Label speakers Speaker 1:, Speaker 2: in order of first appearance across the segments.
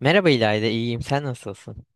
Speaker 1: Merhaba İlayda, iyiyim. Sen nasılsın?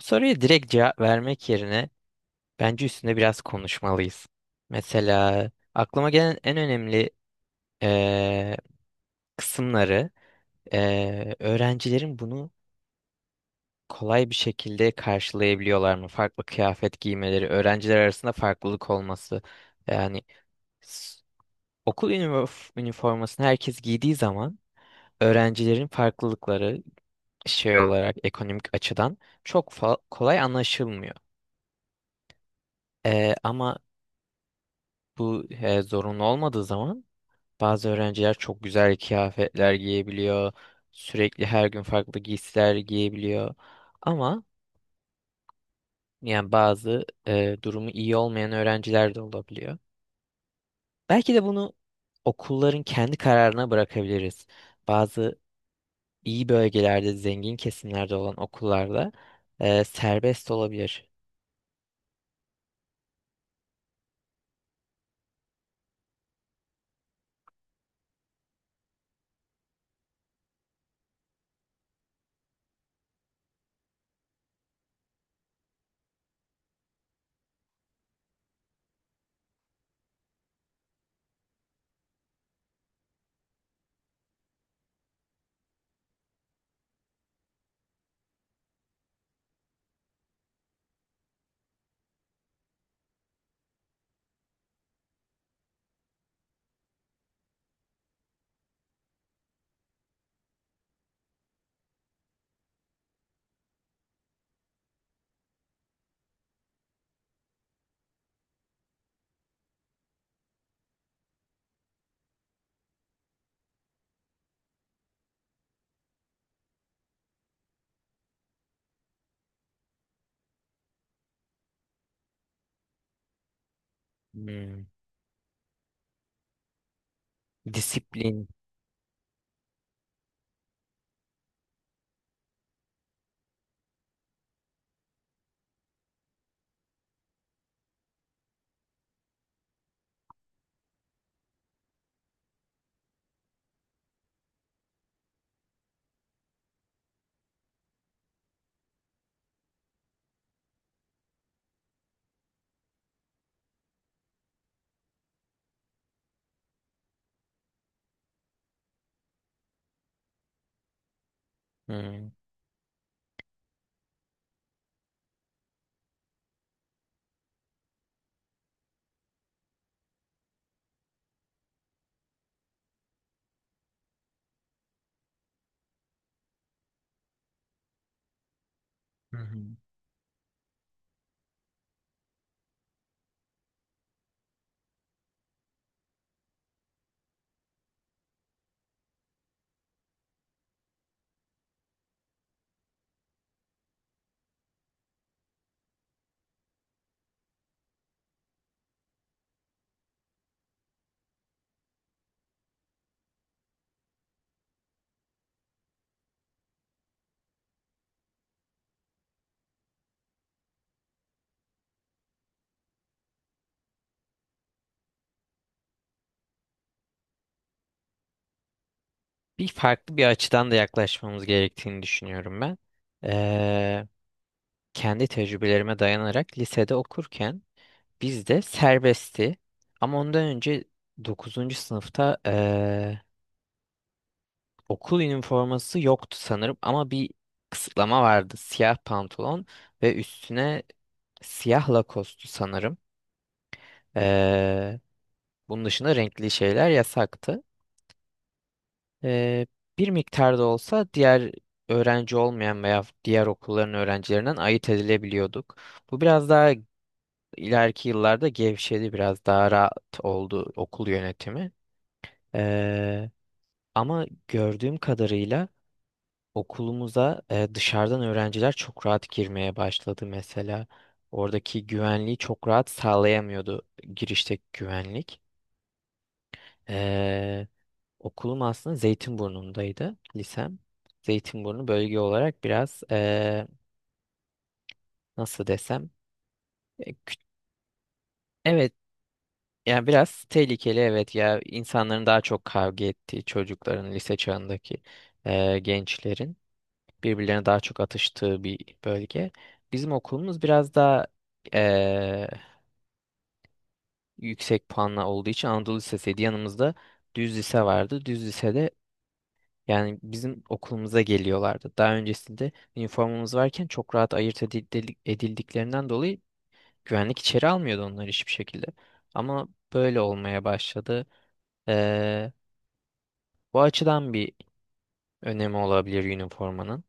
Speaker 1: Bu soruya direkt cevap vermek yerine bence üstünde biraz konuşmalıyız. Mesela aklıma gelen en önemli eee, kısımları, öğrencilerin bunu kolay bir şekilde karşılayabiliyorlar mı? Farklı kıyafet giymeleri, öğrenciler arasında farklılık olması. Yani s- okul üniformasını herkes giydiği zaman öğrencilerin farklılıkları şey olarak ekonomik açıdan çok kolay anlaşılmıyor. Ama bu zorunlu olmadığı zaman bazı öğrenciler çok güzel kıyafetler giyebiliyor. Sürekli her gün farklı giysiler giyebiliyor. Ama yani bazı durumu iyi olmayan öğrenciler de olabiliyor. Belki de bunu okulların kendi kararına bırakabiliriz. Bazı iyi bölgelerde, zengin kesimlerde olan okullarda serbest olabilir. Hmm. Disiplin. Hmm. Hı hı. Farklı bir açıdan da yaklaşmamız gerektiğini düşünüyorum ben. Eee, Kendi tecrübelerime dayanarak lisede okurken bizde serbestti. Ama ondan önce dokuzuncu sınıfta okul üniforması yoktu sanırım, ama bir kısıtlama vardı. Siyah pantolon ve üstüne siyah lakostu sanırım. Eee, Bunun dışında renkli şeyler yasaktı. Eee, Bir miktar da olsa diğer öğrenci olmayan veya diğer okulların öğrencilerinden ayırt edilebiliyorduk. Bu biraz daha ileriki yıllarda gevşedi, biraz daha rahat oldu okul yönetimi. Eee, Ama gördüğüm kadarıyla okulumuza dışarıdan öğrenciler çok rahat girmeye başladı mesela. Oradaki güvenliği çok rahat sağlayamıyordu girişteki güvenlik. Okulum aslında Zeytinburnu'ndaydı, lisem. Zeytinburnu bölge olarak biraz nasıl desem, e, kü- evet, yani biraz tehlikeli, evet ya, insanların daha çok kavga ettiği, çocukların lise çağındaki gençlerin birbirlerine daha çok atıştığı bir bölge. Bizim okulumuz biraz daha eee, yüksek puanla olduğu için Anadolu Lisesi'ydi. Yanımızda düz lise vardı. Düz lisede, yani bizim okulumuza geliyorlardı. Daha öncesinde üniformamız varken çok rahat ayırt edildiklerinden dolayı güvenlik içeri almıyordu onları hiçbir şekilde. Ama böyle olmaya başladı. Ee, Bu açıdan bir önemi olabilir üniformanın.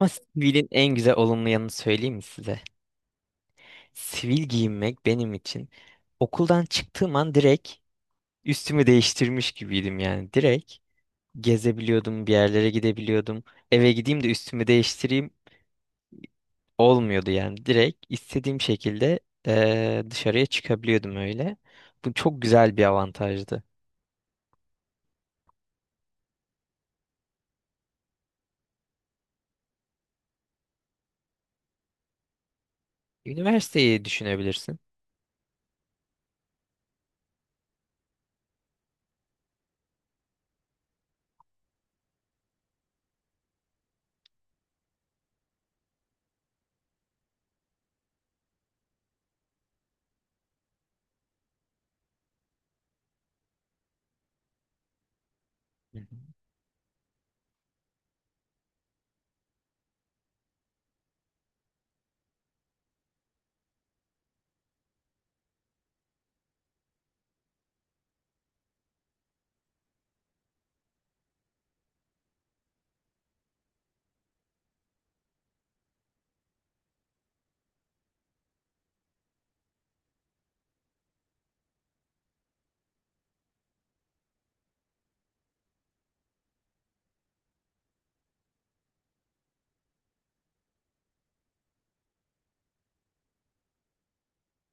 Speaker 1: Ama sivilin en güzel olumlu yanını söyleyeyim mi size? Sivil giyinmek benim için okuldan çıktığım an direkt üstümü değiştirmiş gibiydim yani. Direkt gezebiliyordum, bir yerlere gidebiliyordum. Eve gideyim de üstümü değiştireyim, olmuyordu yani. Direkt istediğim şekilde dışarıya çıkabiliyordum öyle. Bu çok güzel bir avantajdı. Üniversiteyi düşünebilirsin. Hı hı.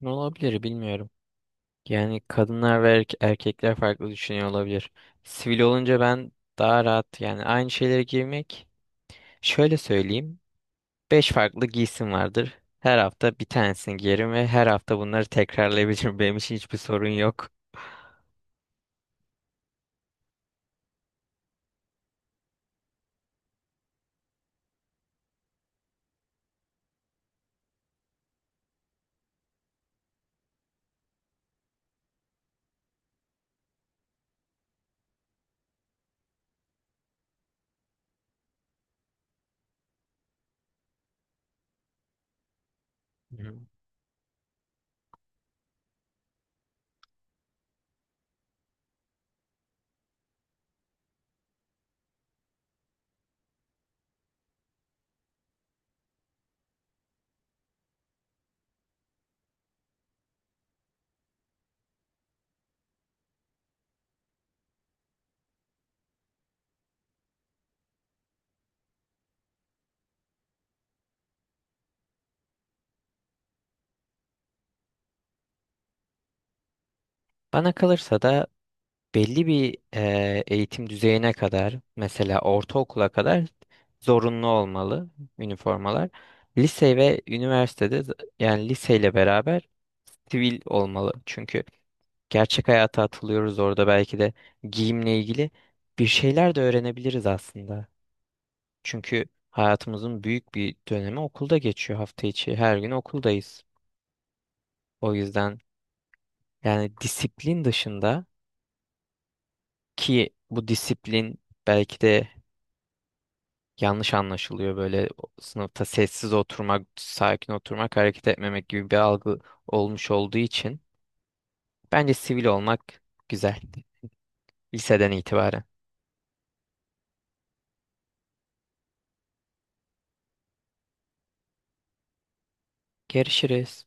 Speaker 1: Ne olabilir bilmiyorum. Yani kadınlar ve erkekler farklı düşünüyor olabilir. Sivil olunca ben daha rahat, yani aynı şeylere girmek. Şöyle söyleyeyim. 5 farklı giysim vardır. Her hafta bir tanesini giyerim ve her hafta bunları tekrarlayabilirim. Benim için hiçbir sorun yok. Hı. Bana kalırsa da belli bir eğitim düzeyine kadar, mesela ortaokula kadar zorunlu olmalı üniformalar. Lise ve üniversitede yani liseyle beraber sivil olmalı. Çünkü gerçek hayata atılıyoruz orada, belki de giyimle ilgili bir şeyler de öğrenebiliriz aslında. Çünkü hayatımızın büyük bir dönemi okulda geçiyor, hafta içi. Her gün okuldayız. O yüzden yani disiplin dışında, ki bu disiplin belki de yanlış anlaşılıyor, böyle sınıfta sessiz oturmak, sakin oturmak, hareket etmemek gibi bir algı olmuş olduğu için bence sivil olmak güzel, liseden itibaren. Görüşürüz.